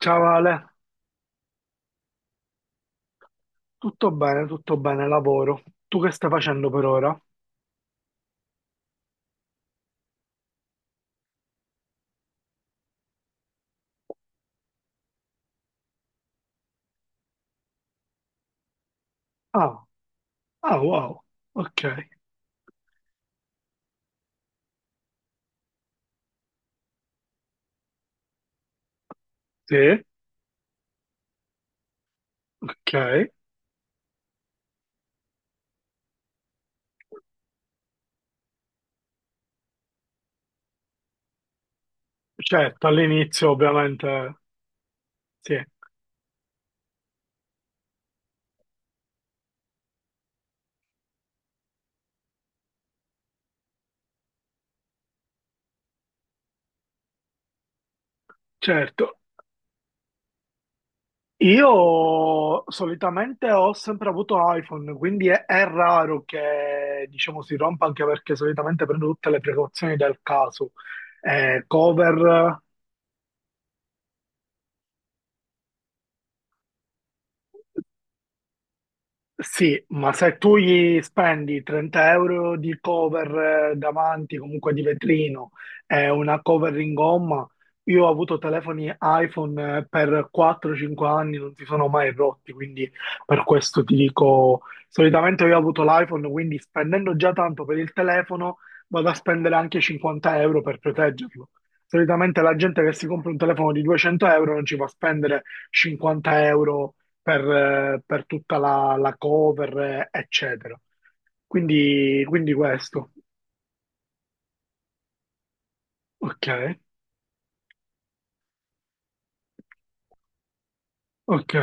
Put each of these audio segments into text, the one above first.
Ciao Ale, tutto bene, lavoro. Tu che stai facendo per ora? Ah, ah, wow, ok. Sì, ok. Certo, all'inizio ovviamente, sì, certo. Io solitamente ho sempre avuto iPhone, quindi è raro che, diciamo, si rompa anche perché solitamente prendo tutte le precauzioni del caso. Cover. Sì, ma se tu gli spendi 30 euro di cover davanti, comunque di vetrino, e una cover in gomma, io ho avuto telefoni iPhone per 4-5 anni, non si sono mai rotti, quindi per questo ti dico, solitamente io ho avuto l'iPhone, quindi spendendo già tanto per il telefono, vado a spendere anche 50 euro per proteggerlo. Solitamente la gente che si compra un telefono di 200 euro non ci va a spendere 50 euro per, per tutta la cover, eccetera. Quindi questo. Ok, ok.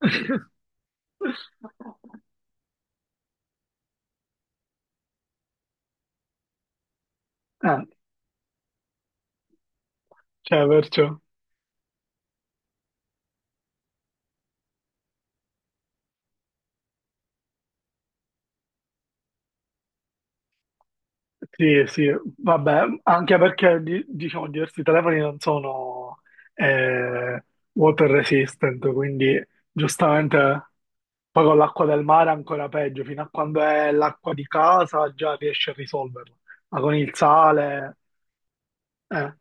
Ah, cioè, perciò. Sì, sì, vabbè, anche perché diciamo diversi telefoni non sono eh, water resistant, quindi giustamente poi con l'acqua del mare è ancora peggio, fino a quando è l'acqua di casa già riesce a risolverla, ma con il sale, eh.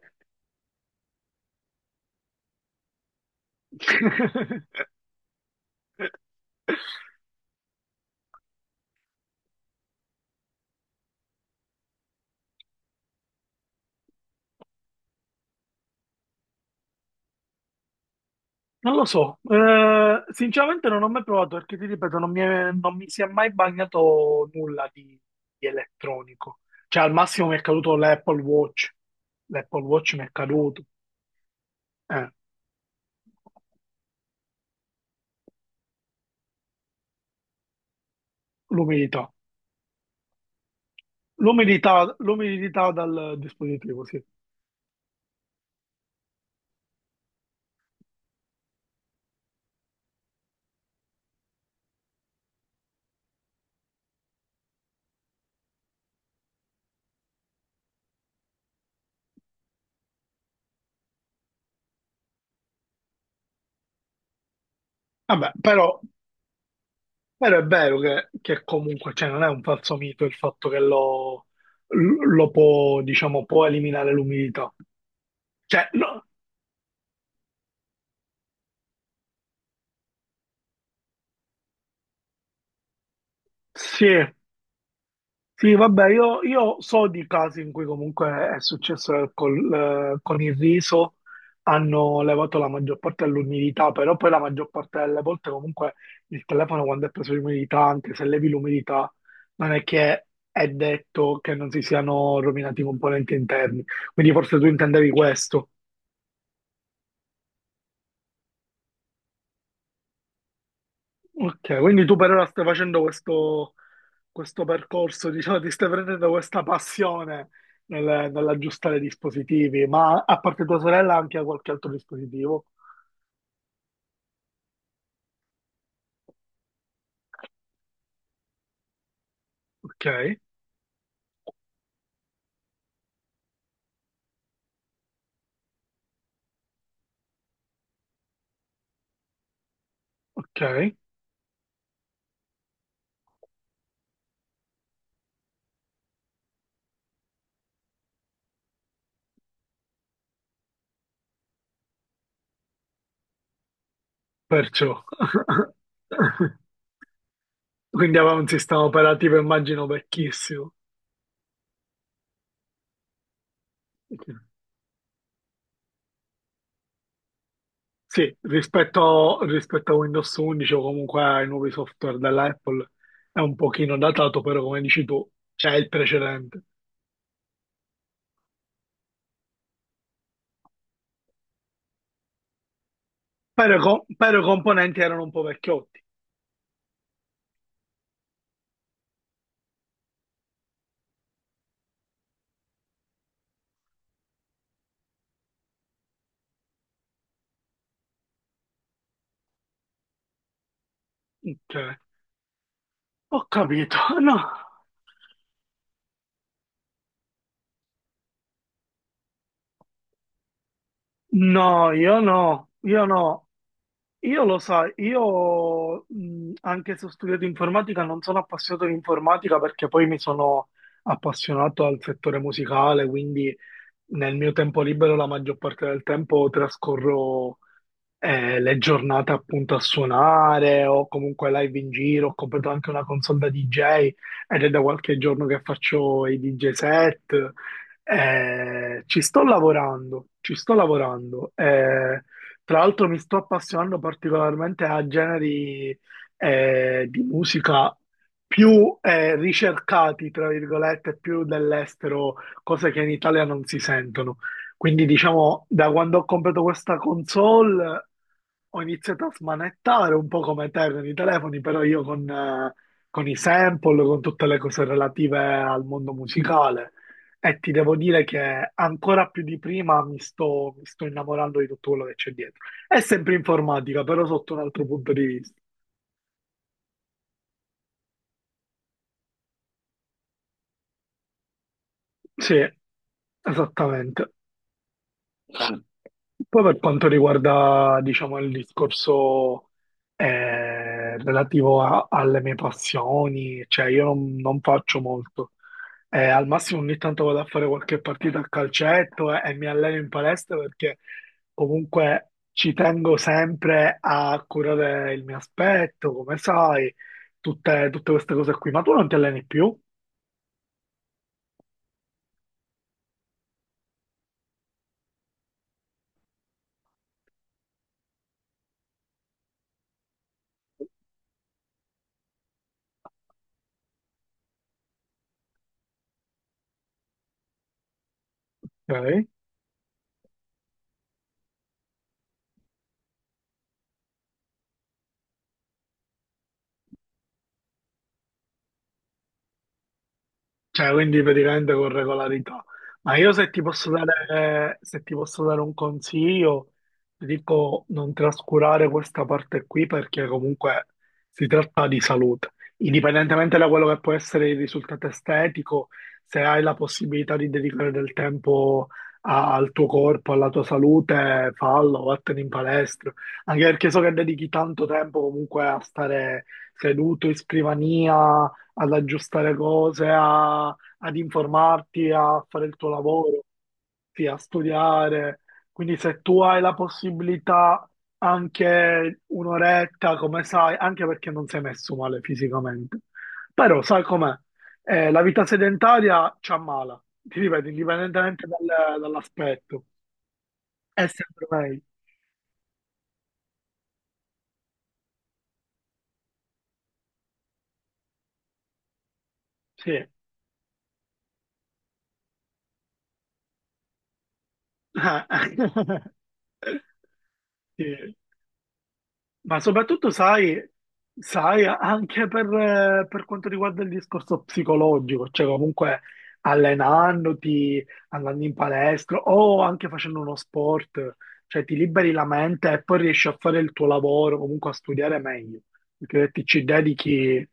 Non lo so. Sinceramente non ho mai provato perché ti ripeto, non mi, non mi si è mai bagnato nulla di elettronico. Cioè, al massimo mi è caduto l'Apple Watch. L'Apple Watch mi è caduto. Eh, L'umidità. L'umidità l'umidità dal dispositivo, sì. Vabbè, però è vero che comunque, cioè, non è un falso mito il fatto che lo può, diciamo, può eliminare l'umidità. Cioè, no, sì. Sì, vabbè, io so di casi in cui comunque è successo che con il riso hanno levato la maggior parte dell'umidità, però poi la maggior parte delle volte comunque il telefono quando è preso l'umidità, anche se levi l'umidità, non è che è detto che non si siano rovinati i componenti interni. Quindi forse tu intendevi questo. Ok, quindi tu per ora stai facendo questo, questo percorso, diciamo, ti stai prendendo questa passione nell'aggiustare i dispositivi, ma a parte tua sorella anche a qualche altro dispositivo. Ok, ok, perciò. Quindi aveva un sistema operativo, immagino, vecchissimo. Ok. Sì, rispetto, rispetto a Windows 11 o comunque ai nuovi software dell'Apple è un pochino datato, però come dici tu, c'è il precedente. Però, però i componenti erano un po' vecchiotti. Ok, ho capito. No, no, io no, io no. Io lo sai, io anche se ho studiato informatica non sono appassionato di informatica perché poi mi sono appassionato al settore musicale, quindi nel mio tempo libero la maggior parte del tempo trascorro le giornate appunto a suonare o comunque live in giro. Ho comprato anche una console da DJ ed è da qualche giorno che faccio i DJ set. Ci sto lavorando, ci sto lavorando. Tra l'altro mi sto appassionando particolarmente a generi di musica più ricercati, tra virgolette, più dell'estero, cose che in Italia non si sentono. Quindi diciamo, da quando ho comprato questa console ho iniziato a smanettare un po' come te con i telefoni, però io con i sample, con tutte le cose relative al mondo musicale. E ti devo dire che ancora più di prima mi sto innamorando di tutto quello che c'è dietro. È sempre informatica, però sotto un altro punto di vista. Sì, esattamente. Poi per quanto riguarda, diciamo, il discorso relativo alle mie passioni, cioè io non faccio molto. Al massimo ogni tanto vado a fare qualche partita a calcetto e mi alleno in palestra perché comunque ci tengo sempre a curare il mio aspetto, come sai, tutte, tutte queste cose qui. Ma tu non ti alleni più? Ok? Cioè, quindi praticamente con regolarità. Ma io se ti posso dare un consiglio, ti dico non trascurare questa parte qui perché comunque si tratta di salute. Indipendentemente da quello che può essere il risultato estetico, se hai la possibilità di dedicare del tempo al tuo corpo, alla tua salute, fallo, vattene in palestra. Anche perché so che dedichi tanto tempo comunque a stare seduto in scrivania ad aggiustare cose, ad informarti, a fare il tuo lavoro, sì, a studiare. Quindi se tu hai la possibilità anche un'oretta, come sai, anche perché non sei messo male fisicamente. Però sai com'è? La vita sedentaria ci ammala, ti ripeto, indipendentemente dall'aspetto. È sempre meglio. Sì. Sì. Ma soprattutto sai, anche per quanto riguarda il discorso psicologico, cioè comunque allenandoti, andando in palestra o anche facendo uno sport, cioè ti liberi la mente e poi riesci a fare il tuo lavoro, comunque a studiare meglio, perché ti ci dedichi,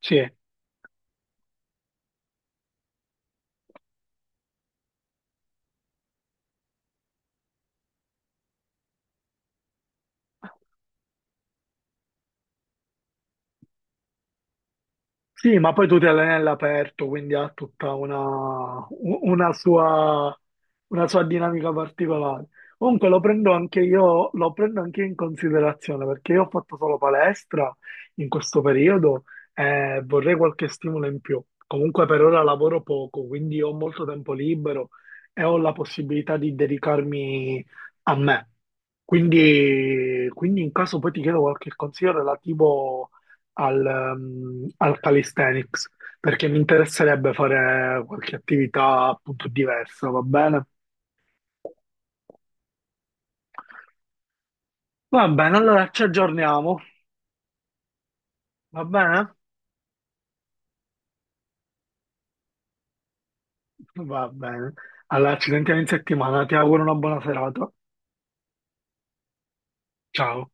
sì. Sì, ma poi tu ti alleni all'aperto, quindi ha tutta una, una sua dinamica particolare. Comunque lo prendo anche io, lo prendo anche io in considerazione perché io ho fatto solo palestra in questo periodo e vorrei qualche stimolo in più. Comunque per ora lavoro poco, quindi ho molto tempo libero e ho la possibilità di dedicarmi a me. Quindi in caso poi ti chiedo qualche consiglio relativo al, al calisthenics, perché mi interesserebbe fare qualche attività appunto diversa, va bene? Va bene, allora ci aggiorniamo, va bene? Va bene. Allora, ci sentiamo in settimana, ti auguro una buona serata. Ciao.